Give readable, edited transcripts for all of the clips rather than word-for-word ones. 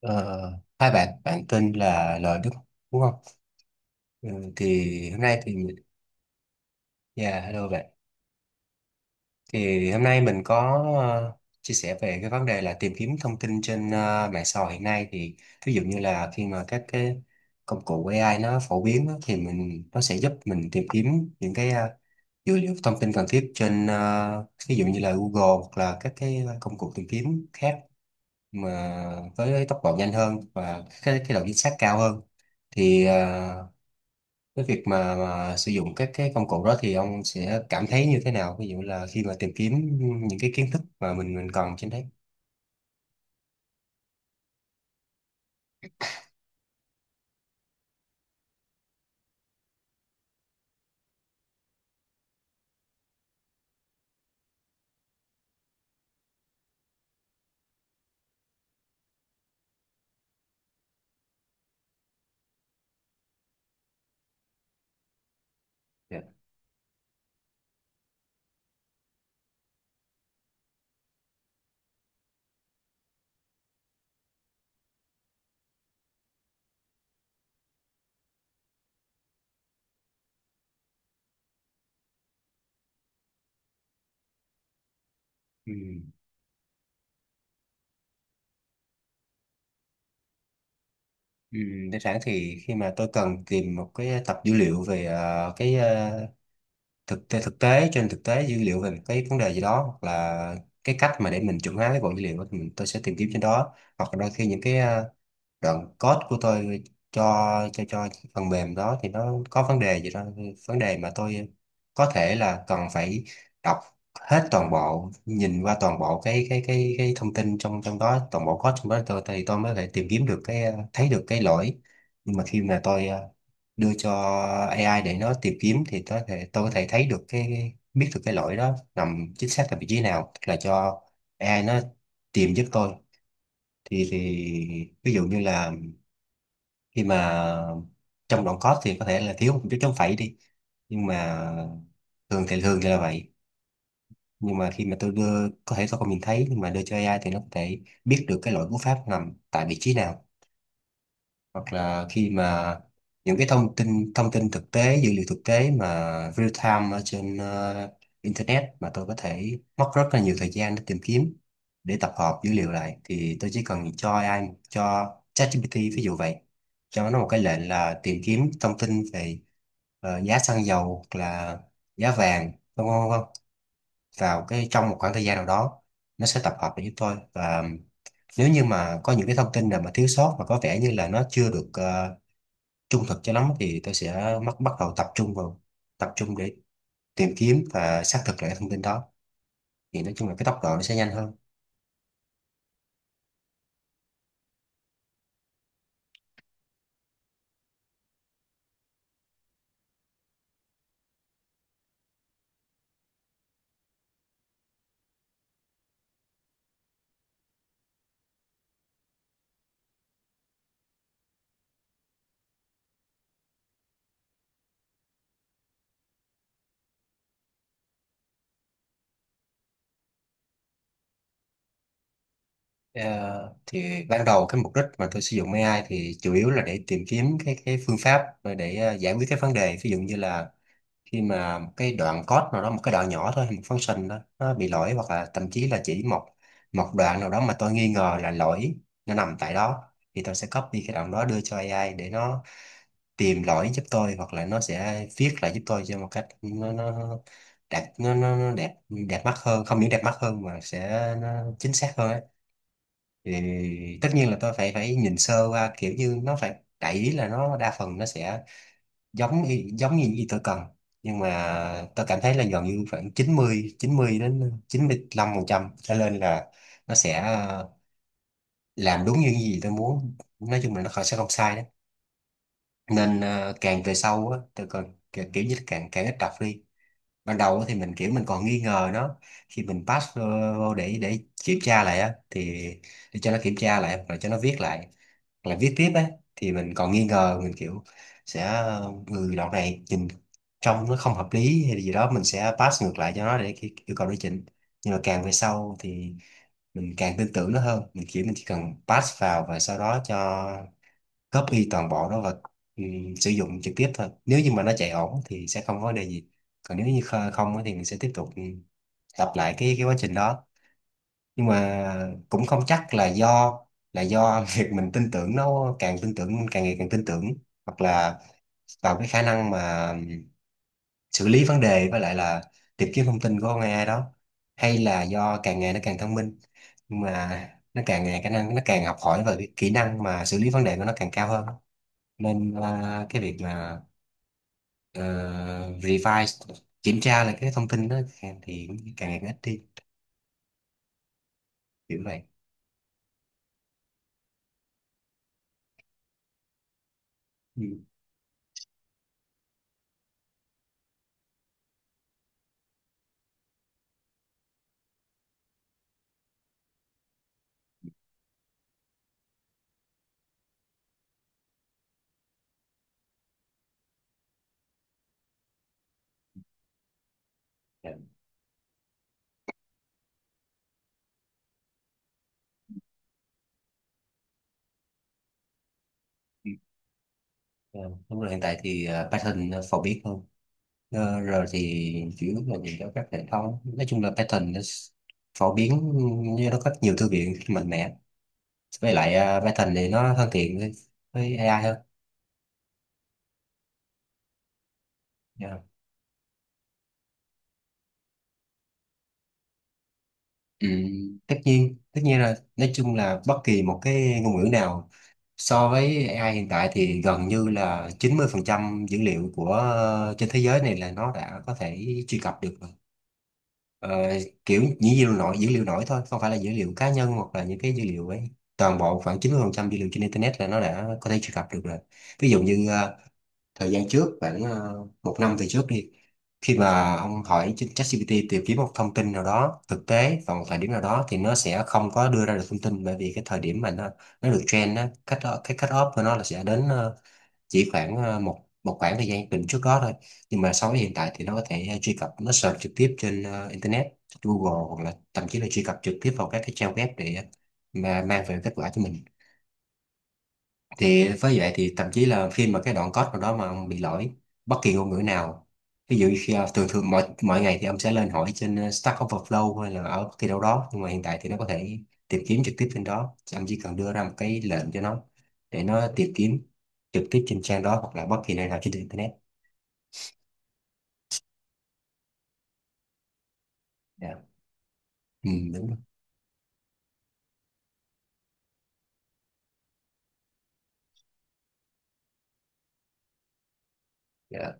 Ờ, hai bạn bạn tên là Lợi Đức đúng không? Ừ, thì hôm nay thì dạ hello bạn. Thì hôm nay mình có chia sẻ về cái vấn đề là tìm kiếm thông tin trên mạng xã hội hiện nay thì, ví dụ như là khi mà các cái công cụ AI nó phổ biến á, thì mình nó sẽ giúp mình tìm kiếm những cái dữ liệu thông tin cần thiết trên, ờ, ví dụ như là Google hoặc là các cái công cụ tìm kiếm khác, mà với tốc độ nhanh hơn và cái độ chính xác cao hơn. Thì cái việc mà sử dụng các cái công cụ đó thì ông sẽ cảm thấy như thế nào, ví dụ là khi mà tìm kiếm những cái kiến thức mà mình cần trên đấy. Dạ. Ừ. Ừ. Đơn giản thì khi mà tôi cần tìm một cái tập dữ liệu về cái thực tế dữ liệu về một cái vấn đề gì đó, hoặc là cái cách mà để mình chuẩn hóa cái bộ dữ liệu đó, thì tôi sẽ tìm kiếm trên đó. Hoặc là đôi khi những cái đoạn code của tôi cho cho phần mềm đó thì nó có vấn đề gì đó, vấn đề mà tôi có thể là cần phải đọc hết toàn bộ, nhìn qua toàn bộ cái thông tin trong trong đó, toàn bộ code trong đó, tôi mới thể tìm kiếm được cái, thấy được cái lỗi. Nhưng mà khi mà tôi đưa cho AI để nó tìm kiếm thì tôi có thể thấy được cái, biết được cái lỗi đó nằm chính xác là vị trí nào, là cho AI nó tìm giúp tôi. Thì ví dụ như là khi mà trong đoạn code thì có thể là thiếu một chút chống phẩy đi, nhưng mà thường thì là vậy. Nhưng mà khi mà tôi đưa có thể tôi không nhìn thấy, nhưng mà đưa cho AI thì nó có thể biết được cái lỗi cú pháp nằm tại vị trí nào. Hoặc là khi mà những cái thông tin thực tế, dữ liệu thực tế mà real time ở trên, ờ, internet, mà tôi có thể mất rất là nhiều thời gian để tìm kiếm, để tập hợp dữ liệu lại, thì tôi chỉ cần cho AI, cho ChatGPT ví dụ vậy, cho nó một cái lệnh là tìm kiếm thông tin về giá xăng dầu, hoặc là giá vàng, vân vân vân vào trong một khoảng thời gian nào đó, nó sẽ tập hợp lại giúp tôi. Và nếu như mà có những cái thông tin nào mà thiếu sót và có vẻ như là nó chưa được trung thực cho lắm, thì tôi sẽ bắt bắt đầu tập trung vào, tập trung để tìm kiếm và xác thực lại cái thông tin đó. Thì nói chung là cái tốc độ nó sẽ nhanh hơn. Ờ, thì ban đầu cái mục đích mà tôi sử dụng AI thì chủ yếu là để tìm kiếm cái phương pháp để giải quyết cái vấn đề. Ví dụ như là khi mà một cái đoạn code nào đó, một cái đoạn nhỏ thôi, một function đó nó bị lỗi, hoặc là thậm chí là chỉ một một đoạn nào đó mà tôi nghi ngờ là lỗi nó nằm tại đó, thì tôi sẽ copy cái đoạn đó đưa cho AI để nó tìm lỗi giúp tôi, hoặc là nó sẽ viết lại giúp tôi cho một cách nó đẹp, nó đẹp, đẹp mắt hơn. Không những đẹp mắt hơn mà sẽ nó chính xác hơn ấy. Thì tất nhiên là tôi phải phải nhìn sơ qua, kiểu như nó phải đại ý là nó đa phần nó sẽ giống như y tôi cần. Nhưng mà tôi cảm thấy là gần như khoảng chín mươi đến 95 phần trăm trở lên là nó sẽ làm đúng như những gì tôi muốn, nói chung là nó sẽ không sai đấy. Nên càng về sau á tôi còn kiểu, kiểu như là càng càng ít đọc đi. Ban đầu thì mình kiểu mình còn nghi ngờ nó, khi mình pass vô vô để kiểm tra lại á, thì để cho nó kiểm tra lại rồi cho nó viết lại hoặc là viết tiếp á, thì mình còn nghi ngờ, mình kiểu sẽ người đoạn này nhìn trông nó không hợp lý hay gì đó, mình sẽ pass ngược lại cho nó để yêu cầu nó chỉnh. Nhưng mà càng về sau thì mình càng tin tưởng nó hơn, mình kiểu mình chỉ cần pass vào và sau đó cho copy toàn bộ đó và, ừ, sử dụng trực tiếp thôi. Nếu như mà nó chạy ổn thì sẽ không có vấn đề gì, còn nếu như không á thì mình sẽ tiếp tục, lặp lại cái quá trình đó. Nhưng mà cũng không chắc là do việc mình tin tưởng nó, càng tin tưởng, càng ngày càng tin tưởng, hoặc là vào cái khả năng mà xử lý vấn đề với lại là tìm kiếm thông tin của con AI đó, hay là do càng ngày nó càng thông minh. Nhưng mà nó càng ngày khả năng nó càng học hỏi và cái kỹ năng mà xử lý vấn đề của nó càng cao hơn, nên là cái việc mà ờ, revise, kiểm tra lại cái thông tin đó thì càng ngày càng ít đi, kiểu vậy. Ừ. Dạ. Ừ. Ờ, Đúng rồi, hiện tại thì Python nó phổ biến hơn. Ờ, rồi thì chủ yếu là nhìn cho các hệ thống, nói chung là Python nó phổ biến, như nó có nhiều thư viện mạnh mẽ, với lại Python thì nó thân thiện với AI hơn. Dạ. ừ, Tất nhiên, rồi, nói chung là bất kỳ một cái ngôn ngữ nào. So với AI hiện tại thì gần như là 90% dữ liệu của, ờ, trên thế giới này là nó đã có thể truy cập được rồi. Ờ, kiểu dữ liệu nổi thôi, không phải là dữ liệu cá nhân hoặc là những cái dữ liệu ấy. Toàn bộ khoảng 90% dữ liệu trên Internet là nó đã có thể truy cập được rồi. Ví dụ như thời gian trước khoảng 1 năm về trước đi, khi mà ông hỏi trên ChatGPT tìm kiếm một thông tin nào đó thực tế vào một thời điểm nào đó, thì nó sẽ không có đưa ra được thông tin, bởi vì cái thời điểm mà nó được trend á, cách cái cut off của nó là sẽ đến chỉ khoảng một một khoảng thời gian định trước đó thôi. Nhưng mà so với hiện tại thì nó có thể truy cập, nó search trực tiếp trên, ờ, internet, Google, hoặc là thậm chí là truy cập trực tiếp vào các cái trang web để mà mang về kết quả cho mình. Thì với vậy thì thậm chí là khi mà cái đoạn code nào đó mà ông bị lỗi, bất kỳ ngôn ngữ nào, ví dụ thường thường mọi mọi ngày thì ông sẽ lên hỏi trên, ờ, Stack Overflow hay là ở bất kỳ đâu đó, nhưng mà hiện tại thì nó có thể tìm kiếm trực tiếp trên đó. Chứ ông chỉ cần đưa ra một cái lệnh cho nó để nó tìm kiếm trực tiếp trên trang đó hoặc là bất kỳ nơi nào trên internet. Dạ. Ừ, Đúng rồi. Dạ.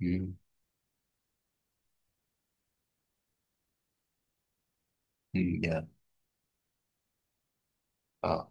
ừ, ừ, dạ. Ờ.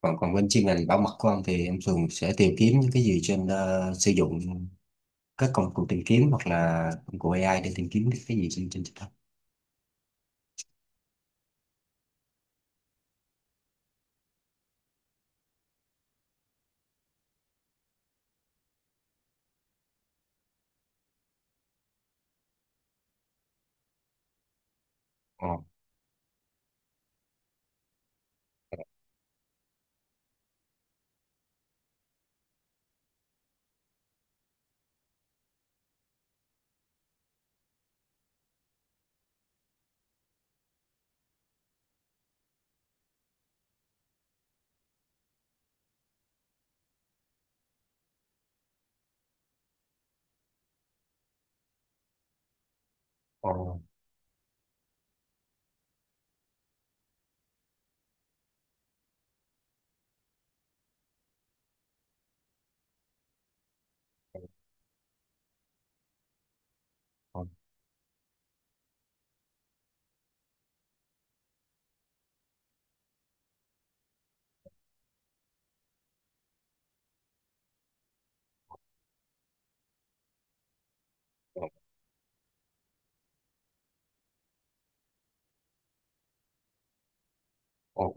Còn còn bên chuyên ngành bảo mật của ông thì em thường sẽ tìm kiếm những cái gì trên, ờ, sử dụng các công cụ tìm kiếm hoặc là công cụ AI để tìm kiếm cái gì trên trên TikTok. Ờ, ờ, ờ, ờ, ok.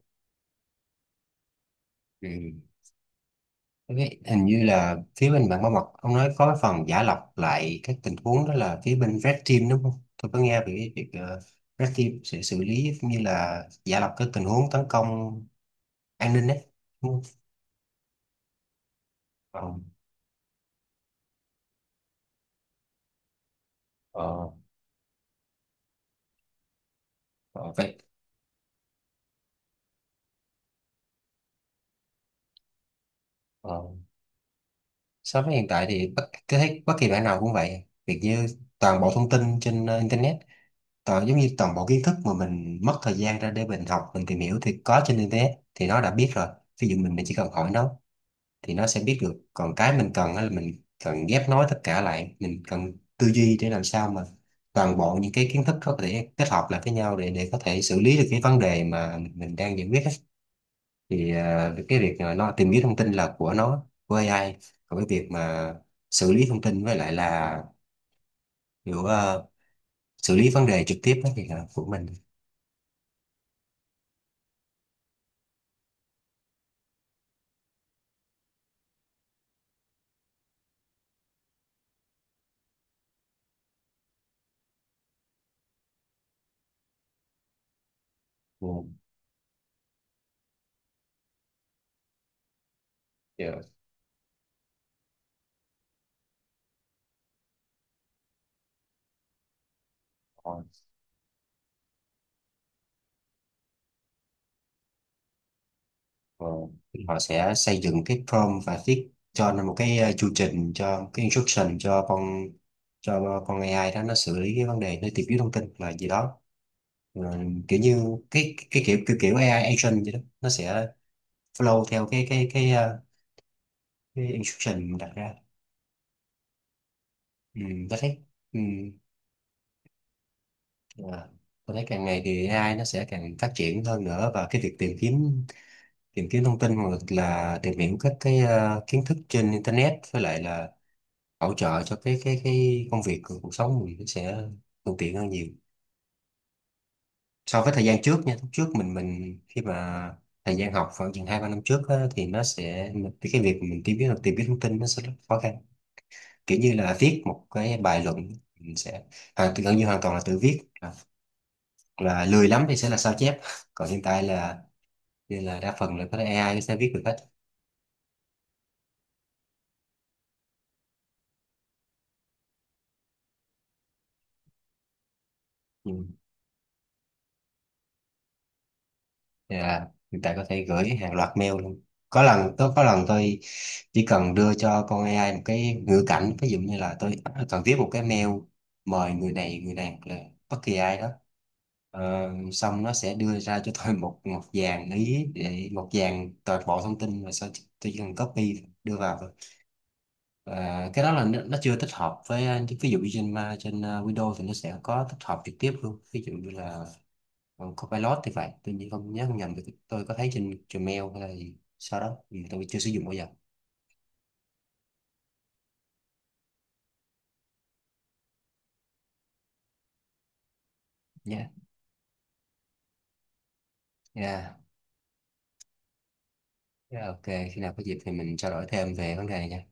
Ok, hình như là phía bên bạn Bảo Mật ông nói có phần giả lọc lại các tình huống đó là phía bên Red Team đúng không? Tôi có nghe về cái việc Red Team sẽ xử lý cũng như là giả lọc các tình huống tấn công an ninh đấy. Đúng không? Ờ, Ờ, ờ, ờ, Vậy ờ, so với hiện tại thì tôi thấy bất kỳ bạn nào cũng vậy. Việc như toàn bộ thông tin trên, ờ, internet, toàn giống như toàn bộ kiến thức mà mình mất thời gian ra để mình học, mình tìm hiểu thì có trên internet thì nó đã biết rồi, ví dụ mình chỉ cần hỏi nó thì nó sẽ biết được. Còn cái mình cần á là mình cần ghép nối tất cả lại, mình cần tư duy để làm sao mà toàn bộ những cái kiến thức có thể kết hợp lại với nhau để có thể xử lý được cái vấn đề mà mình đang giải quyết á. Thì cái việc mà nó tìm kiếm thông tin là của nó, của AI. Còn cái việc mà xử lý thông tin với lại là kiểu xử lý vấn đề trực tiếp á thì là của mình. Ừ. Dạ. Ờ, họ sẽ xây dựng cái prompt và viết cho nó một cái chu trình, cho cái instruction cho con AI đó nó xử lý cái vấn đề, nó tìm kiếm thông tin là gì đó. Ờ, kiểu như cái kiểu kiểu, kiểu AI agent vậy đó, nó sẽ flow theo cái cái instruction mình đặt ra. ừ, tôi thấy, ừ, à, tôi thấy càng ngày thì AI nó sẽ càng phát triển hơn nữa, và cái việc tìm kiếm thông tin hoặc là tìm hiểu các cái, ờ, kiến thức trên internet, với lại là hỗ trợ cho cái công việc cuộc sống mình, nó sẽ thuận tiện hơn nhiều so với thời gian trước nha. Lúc trước mình khi mà thời gian học khoảng chừng 2 3 năm trước á, thì nó sẽ cái việc mình tìm kiếm thông tin nó sẽ rất khó khăn, kiểu như là viết một cái bài luận, mình sẽ gần như hoàn toàn là tự viết, hoặc là lười lắm thì sẽ là sao chép. Còn hiện tại là như là đa phần là có thể AI nó sẽ viết được hết. Ừ. Dạ, hiện tại có thể gửi hàng loạt mail luôn. Có lần tôi chỉ cần đưa cho con AI một cái ngữ cảnh, ví dụ như là tôi cần viết một cái mail mời người này hoặc là bất kỳ ai đó. Ờ, xong nó sẽ đưa ra cho tôi một một dàn ý, để một dàn toàn bộ thông tin, và sau tôi chỉ cần copy đưa vào thôi. Và cái đó là nó chưa tích hợp với, ờ, ví dụ như trên, ờ, Windows thì nó sẽ có tích hợp trực tiếp luôn, ví dụ như là Copilot thì vậy, tôi nhớ không nhầm thì tôi có thấy trên Gmail hay là gì sau đó, tôi chưa sử dụng bao giờ nhé. Yeah. Yeah. ok, khi nào có dịp thì mình trao đổi thêm về vấn đề này nha.